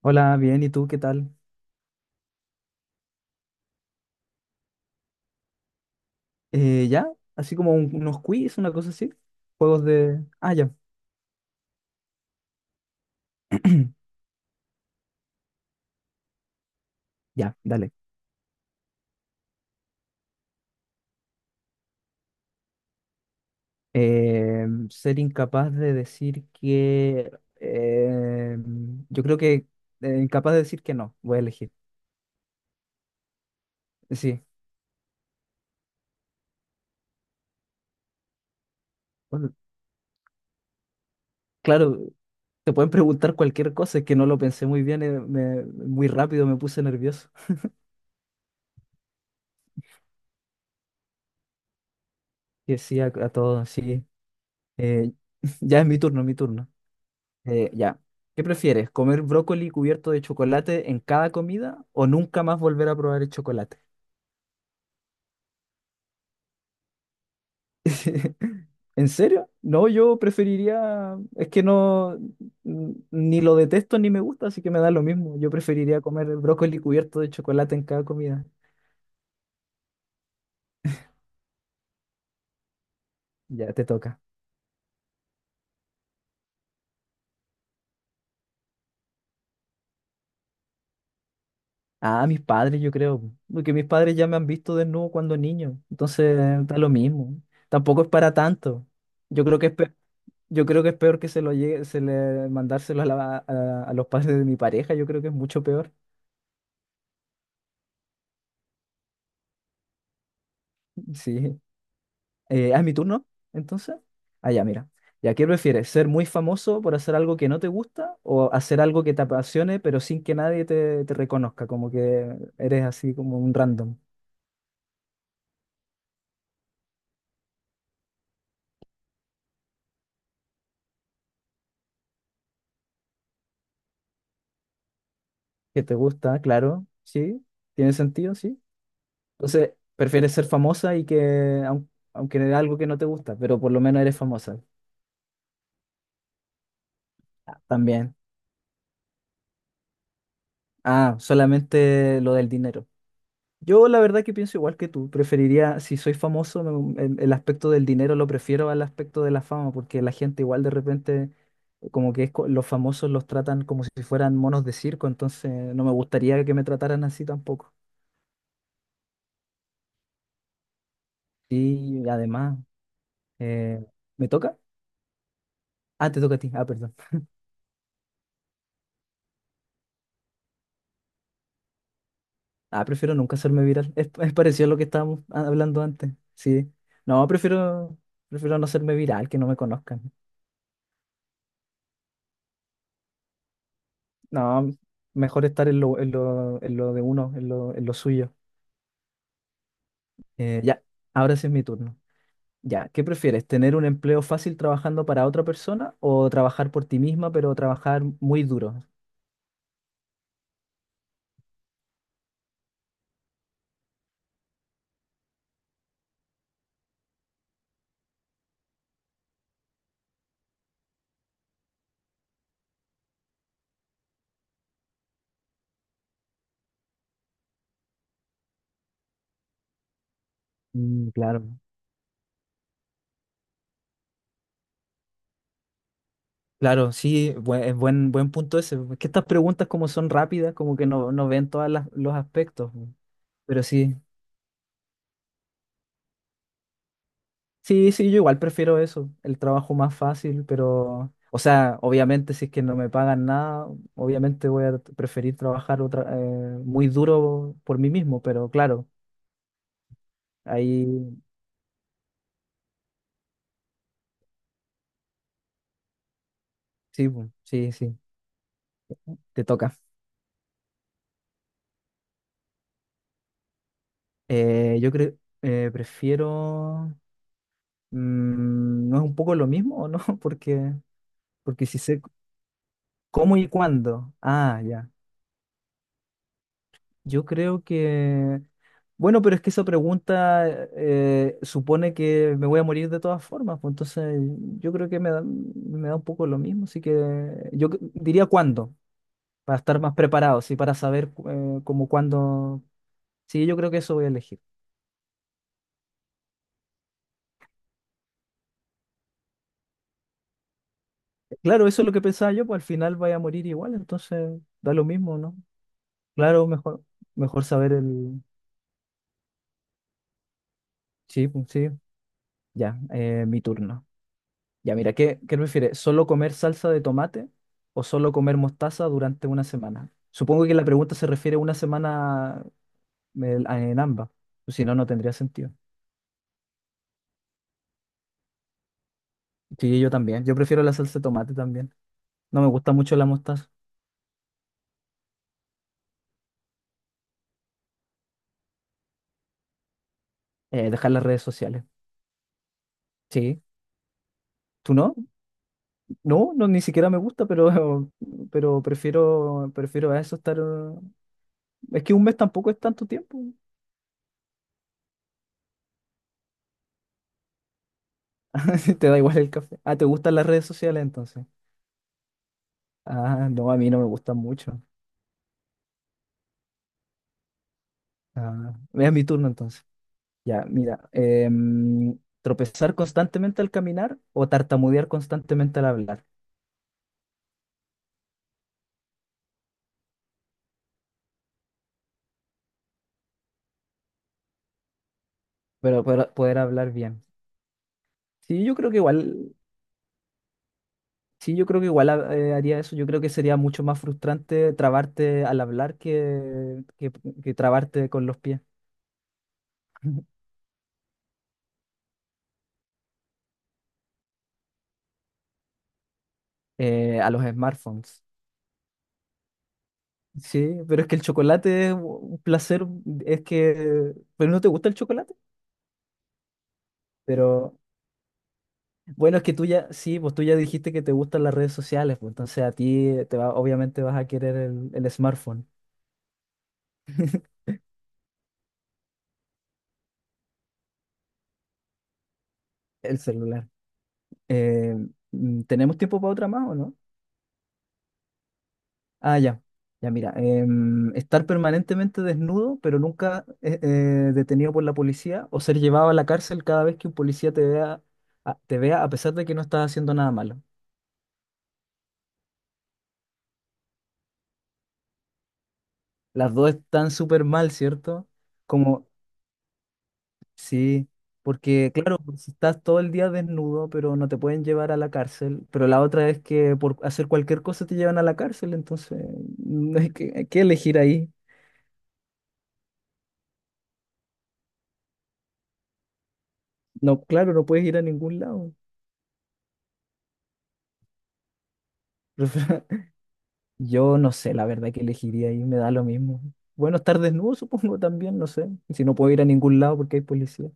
Hola, bien, ¿y tú qué tal? ¿Ya? Así como unos quiz, una cosa así. Juegos de... Ah, ya. Ya, dale. Ser incapaz de decir que... eh, yo creo que... incapaz de decir que no, voy a elegir. Sí. Bueno, claro, te pueden preguntar cualquier cosa, es que no lo pensé muy bien, muy rápido me puse nervioso. Que sí, a todos, sí. Eh, ya es mi turno. Ya. ¿Qué prefieres? ¿Comer brócoli cubierto de chocolate en cada comida o nunca más volver a probar el chocolate? ¿En serio? No, yo preferiría, es que ni lo detesto ni me gusta, así que me da lo mismo. Yo preferiría comer el brócoli cubierto de chocolate en cada comida. Ya te toca. Ah, mis padres, yo creo, porque mis padres ya me han visto desnudo cuando niño, entonces da lo mismo. Tampoco es para tanto. Yo creo que es peor Yo creo que es peor que se lo llegue, se le mandárselo a, a los padres de mi pareja, yo creo que es mucho peor. Sí. ¿Es mi turno? Entonces. Ah, ya, mira. Ya, ¿qué prefieres? ¿Ser muy famoso por hacer algo que no te gusta o hacer algo que te apasione pero sin que nadie te reconozca? Como que eres así como un random. Que te gusta, claro, sí. Tiene sentido, sí. Entonces, prefieres ser famosa aunque era algo que no te gusta, pero por lo menos eres famosa. Ah, también. Ah, solamente lo del dinero. Yo la verdad que pienso igual que tú, preferiría, si soy famoso, el aspecto del dinero lo prefiero al aspecto de la fama, porque la gente igual de repente, como que los famosos los tratan como si fueran monos de circo, entonces no me gustaría que me trataran así tampoco. Y además, eh, ¿me toca? Ah, te toca a ti, ah, perdón. Ah, prefiero nunca hacerme viral, es parecido a lo que estábamos hablando antes, sí. No, prefiero, prefiero no hacerme viral, que no me conozcan. No, mejor estar en lo de uno, en lo suyo. Eh, ya, ahora sí es mi turno. Ya, ¿qué prefieres? ¿Tener un empleo fácil trabajando para otra persona o trabajar por ti misma, pero trabajar muy duro? Mm, claro. Claro, sí, buen punto ese. Porque estas preguntas como son rápidas, como que no ven todos los aspectos. Pero sí, sí, yo igual prefiero eso, el trabajo más fácil, pero, o sea, obviamente si es que no me pagan nada, obviamente preferir trabajar otra, muy duro por mí mismo, pero claro, ahí sí, sí, te toca. Yo creo, prefiero, mm, ¿no es un poco lo mismo o no? Porque si sé cómo y cuándo, ah, ya. Yo creo que... Bueno, pero es que esa pregunta supone que me voy a morir de todas formas, pues entonces yo creo que me da un poco lo mismo, así que diría cuándo, para estar más preparado, sí, para saber como cuándo, sí, yo creo que eso voy a elegir. Claro, eso es lo que pensaba yo, pues al final voy a morir igual, entonces da lo mismo, ¿no? Claro, mejor, mejor saber el... Sí, pues, sí, ya, mi turno. Ya, mira, qué prefieres? ¿Solo comer salsa de tomate o solo comer mostaza durante una semana? Supongo que la pregunta se refiere a una semana en ambas. Pues si no, no tendría sentido. Sí, yo también. Yo prefiero la salsa de tomate también. No me gusta mucho la mostaza. Dejar las redes sociales. Sí. ¿Tú no? No, ni siquiera me gusta, pero, pero prefiero a eso estar. Es que un mes tampoco es tanto tiempo. Te da igual el café. Ah, ¿te gustan las redes sociales entonces? Ah, no, a mí no me gustan mucho. Ah, es mi turno entonces. Ya, mira. Tropezar constantemente al caminar o tartamudear constantemente al hablar, pero poder hablar bien. Sí, yo creo que igual, sí, yo creo que igual haría eso. Yo creo que sería mucho más frustrante trabarte al hablar que trabarte con los pies. A los smartphones. Sí, pero es que el chocolate es un placer, es que, pero no te gusta el chocolate, pero bueno, es que tú ya, sí, pues tú ya dijiste que te gustan las redes sociales, pues entonces a ti te va, obviamente vas a querer el smartphone, el celular. Eh, ¿Tenemos tiempo para otra más o no? Ah, ya, ya mira, estar permanentemente desnudo, pero nunca detenido por la policía, o ser llevado a la cárcel cada vez que un policía te vea, te vea a pesar de que no estás haciendo nada malo. Las dos están súper mal, ¿cierto? Como sí, porque claro, pues, estás todo el día desnudo, pero no te pueden llevar a la cárcel. Pero la otra es que por hacer cualquier cosa te llevan a la cárcel, entonces no hay hay que elegir ahí. No, claro, no puedes ir a ningún lado. Yo no sé, la verdad que elegiría ahí, me da lo mismo. Bueno, estar desnudo supongo también, no sé. Si no puedo ir a ningún lado porque hay policía.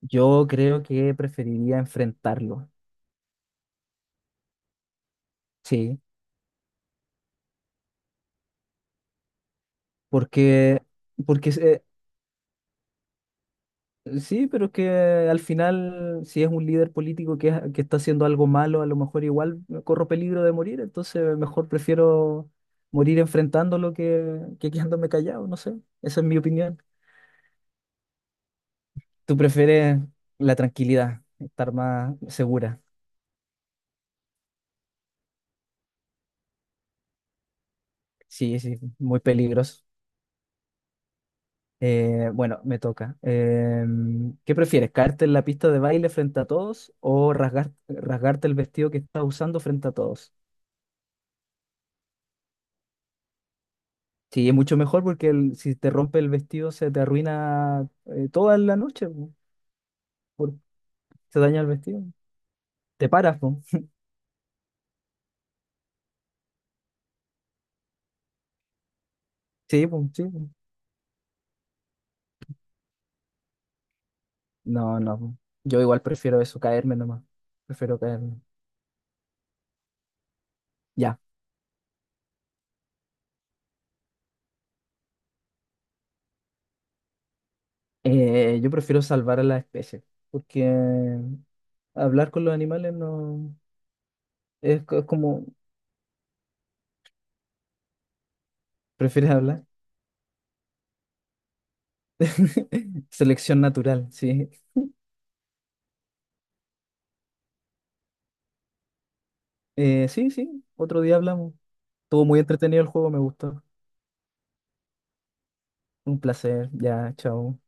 Yo creo que preferiría enfrentarlo, sí, porque, porque sí, pero es que al final, si es un líder político que está haciendo algo malo, a lo mejor igual corro peligro de morir, entonces mejor prefiero morir enfrentándolo que quedándome callado, no sé. Esa es mi opinión. ¿Tú prefieres la tranquilidad, estar más segura? Sí, sí, muy peligroso. Bueno, me toca. Em, ¿qué prefieres, caerte en la pista de baile frente a todos o rasgarte el vestido que estás usando frente a todos? Sí, es mucho mejor porque si te rompe el vestido se te arruina toda la noche, po, por- se daña el vestido. Te paras, po. Sí, po, sí. Po. No, no. Po. Yo igual prefiero eso, caerme nomás. Prefiero caerme. Ya. Yo prefiero salvar a la especie, porque hablar con los animales no es como, prefieres hablar. Selección natural, sí. Sí, sí, otro día hablamos. Estuvo muy entretenido el juego, me gustó. Un placer. Ya, chao.